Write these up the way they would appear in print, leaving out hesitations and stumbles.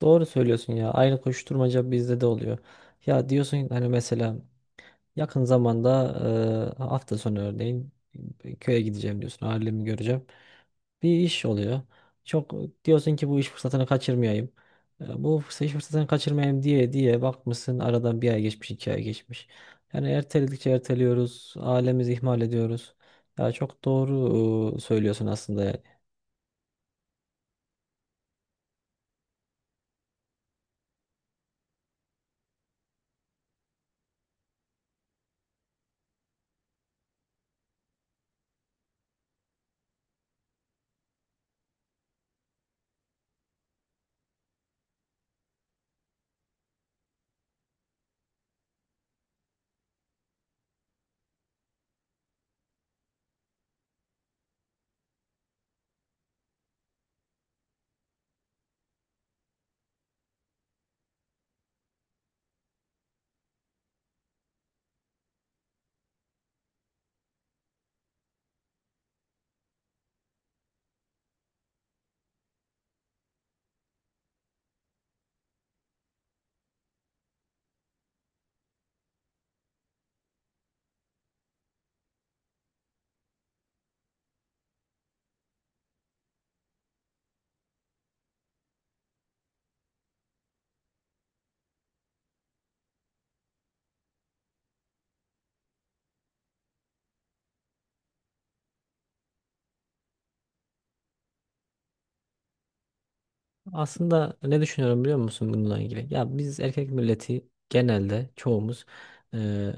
Doğru söylüyorsun ya. Aynı koşturmaca bizde de oluyor. Ya diyorsun hani mesela yakın zamanda hafta sonu örneğin köye gideceğim diyorsun. Ailemi göreceğim. Bir iş oluyor. Çok diyorsun ki bu iş fırsatını kaçırmayayım. İş fırsatını kaçırmayayım diye diye bakmışsın aradan bir ay geçmiş, iki ay geçmiş. Yani erteledikçe erteliyoruz. Ailemizi ihmal ediyoruz. Ya çok doğru söylüyorsun aslında. Yani. Aslında ne düşünüyorum biliyor musun bununla ilgili? Ya biz erkek milleti genelde çoğumuz eee,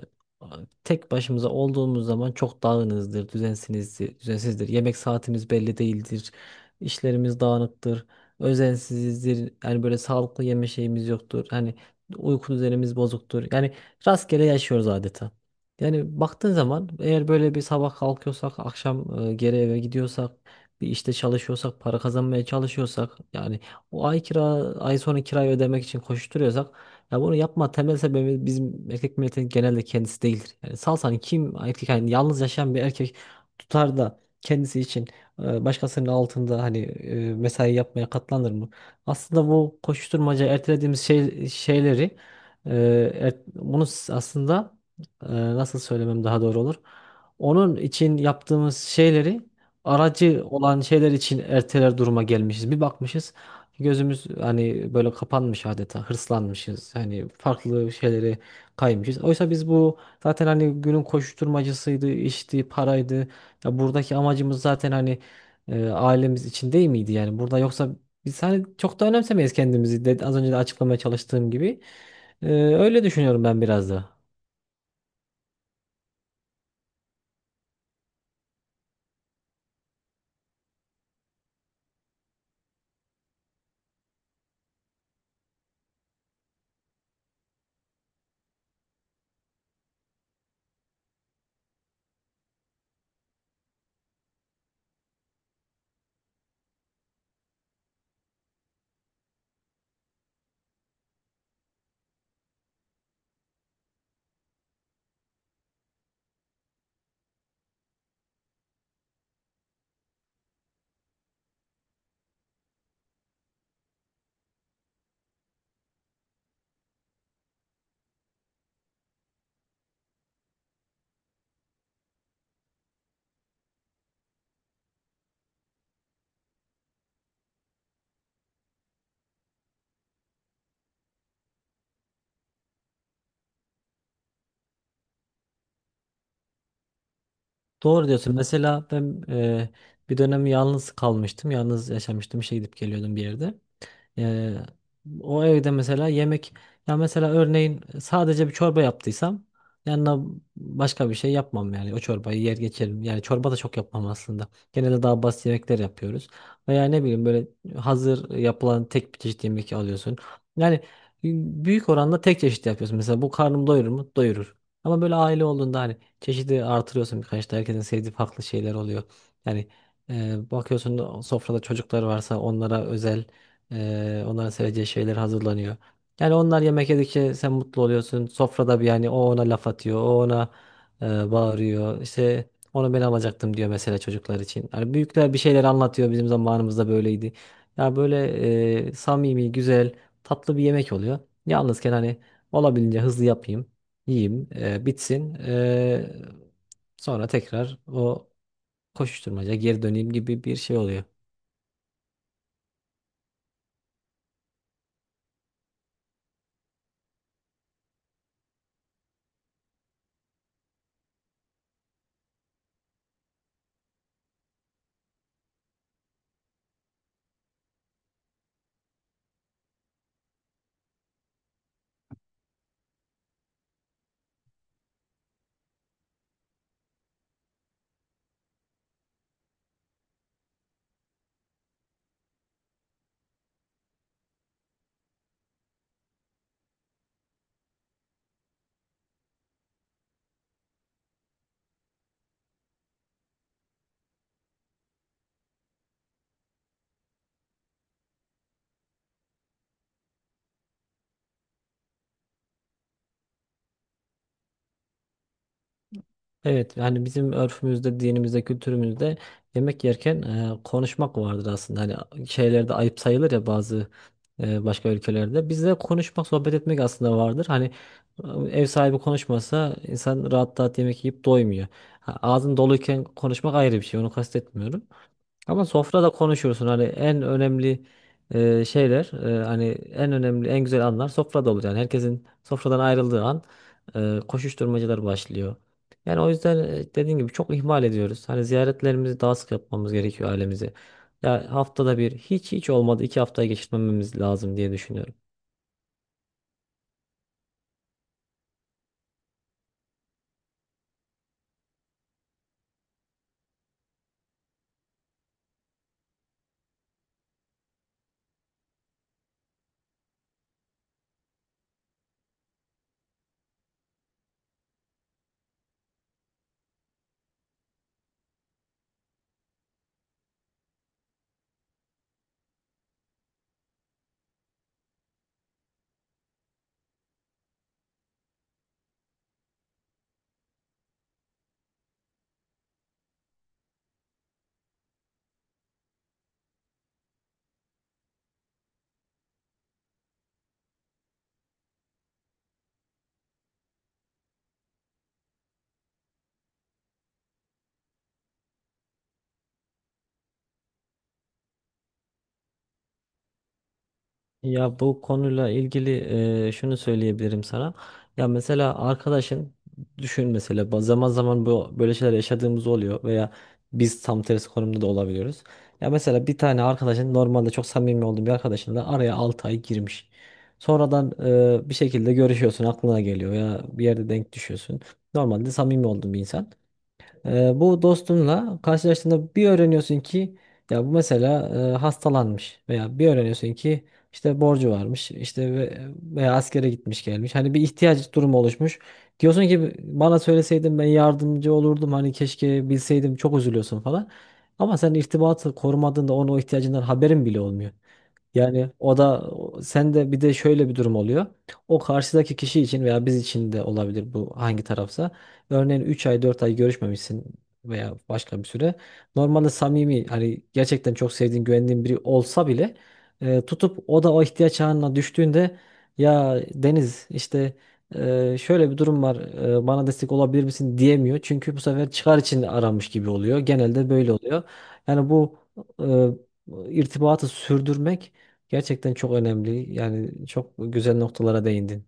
tek başımıza olduğumuz zaman çok dağınızdır, düzensinizdir, düzensizdir. Yemek saatimiz belli değildir. İşlerimiz dağınıktır, özensizdir. Yani böyle sağlıklı yeme şeyimiz yoktur. Hani uyku düzenimiz bozuktur. Yani rastgele yaşıyoruz adeta. Yani baktığın zaman eğer böyle bir sabah kalkıyorsak, akşam geri eve gidiyorsak, bir işte çalışıyorsak, para kazanmaya çalışıyorsak yani o ay kira ay sonu kirayı ödemek için koşturuyorsak ya bunu yapma temel sebebi bizim erkek milletin genelde kendisi değildir. Yani salsan kim erkek yani yalnız yaşayan bir erkek tutar da kendisi için başkasının altında hani mesai yapmaya katlanır mı? Aslında bu koşturmaca ertelediğimiz şey, şeyleri e, aslında nasıl söylemem daha doğru olur? Onun için yaptığımız şeyleri aracı olan şeyler için erteler duruma gelmişiz. Bir bakmışız. Gözümüz hani böyle kapanmış adeta hırslanmışız. Hani farklı şeylere kaymışız. Oysa biz bu zaten hani günün koşuşturmacasıydı, işti, paraydı. Ya buradaki amacımız zaten hani ailemiz için değil miydi yani? Burada yoksa biz hani çok da önemsemeyiz kendimizi de, az önce de açıklamaya çalıştığım gibi. Öyle düşünüyorum ben biraz da. Doğru diyorsun. Mesela ben bir dönem yalnız kalmıştım. Yalnız yaşamıştım. İşe gidip geliyordum bir yerde. Ee, O evde mesela yemek ya mesela örneğin sadece bir çorba yaptıysam yanına başka bir şey yapmam yani o çorbayı yer geçerim. Yani çorba da çok yapmam aslında. Genelde daha basit yemekler yapıyoruz. Veya ne bileyim böyle hazır yapılan tek bir çeşit yemek alıyorsun. Yani büyük oranda tek çeşit yapıyorsun. Mesela bu karnım doyurur mu? Doyurur. Ama böyle aile olduğunda hani çeşidi artırıyorsun birkaç da herkesin sevdiği farklı şeyler oluyor. Yani bakıyorsun sofrada çocuklar varsa onlara özel onların seveceği şeyler hazırlanıyor. Yani onlar yemek yedikçe sen mutlu oluyorsun. Sofrada bir yani o ona laf atıyor, o ona bağırıyor. İşte onu ben alacaktım diyor mesela çocuklar için. Yani büyükler bir şeyler anlatıyor bizim zamanımızda böyleydi. Ya böyle samimi, güzel, tatlı bir yemek oluyor. Yalnızken hani olabildiğince hızlı yapayım, yiyeyim, bitsin. Sonra tekrar o koşuşturmaca geri döneyim gibi bir şey oluyor. Evet yani bizim örfümüzde, dinimizde, kültürümüzde yemek yerken konuşmak vardır aslında. Hani şeylerde ayıp sayılır ya bazı başka ülkelerde. Bizde konuşmak, sohbet etmek aslında vardır. Hani e, ev sahibi konuşmasa insan rahat rahat yemek yiyip doymuyor. Ha, ağzın doluyken konuşmak ayrı bir şey. Onu kastetmiyorum. Ama sofrada konuşursun hani en önemli şeyler hani en önemli en güzel anlar sofrada olur yani herkesin sofradan ayrıldığı an koşuşturmacalar başlıyor. Yani o yüzden dediğim gibi çok ihmal ediyoruz. Hani ziyaretlerimizi daha sık yapmamız gerekiyor ailemizi. Ya haftada bir hiç olmadı iki haftaya geçirmememiz lazım diye düşünüyorum. Ya bu konuyla ilgili şunu söyleyebilirim sana. Ya mesela arkadaşın düşün mesela zaman zaman bu böyle şeyler yaşadığımız oluyor veya biz tam tersi konumda da olabiliyoruz. Ya mesela bir tane arkadaşın normalde çok samimi olduğum bir arkadaşınla araya 6 ay girmiş. Sonradan bir şekilde görüşüyorsun aklına geliyor ya bir yerde denk düşüyorsun. Normalde samimi olduğun bir insan. Bu dostunla karşılaştığında bir öğreniyorsun ki ya bu mesela hastalanmış veya bir öğreniyorsun ki işte borcu varmış işte veya askere gitmiş gelmiş hani bir ihtiyaç durumu oluşmuş diyorsun ki bana söyleseydin ben yardımcı olurdum hani keşke bilseydim çok üzülüyorsun falan ama sen irtibatı korumadığında onun o ihtiyacından haberin bile olmuyor. Yani o da sen de bir de şöyle bir durum oluyor. O karşıdaki kişi için veya biz için de olabilir bu hangi tarafsa. Örneğin 3 ay 4 ay görüşmemişsin veya başka bir süre. Normalde samimi hani gerçekten çok sevdiğin güvendiğin biri olsa bile tutup o da o ihtiyaç anına düştüğünde ya Deniz işte şöyle bir durum var bana destek olabilir misin diyemiyor. Çünkü bu sefer çıkar için aramış gibi oluyor. Genelde böyle oluyor. Yani bu irtibatı sürdürmek gerçekten çok önemli. Yani çok güzel noktalara değindin.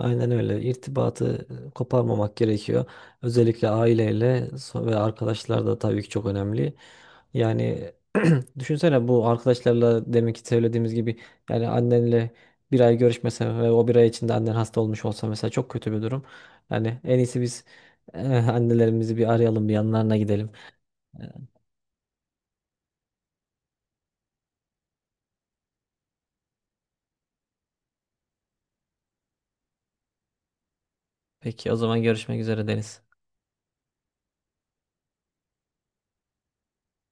Aynen öyle. İrtibatı koparmamak gerekiyor. Özellikle aileyle ve arkadaşlar da tabii ki çok önemli. Yani düşünsene bu arkadaşlarla demek ki söylediğimiz gibi yani annenle bir ay görüşmesen ve o bir ay içinde annen hasta olmuş olsa mesela çok kötü bir durum. Yani en iyisi biz annelerimizi bir arayalım, bir yanlarına gidelim. Peki o zaman görüşmek üzere Deniz.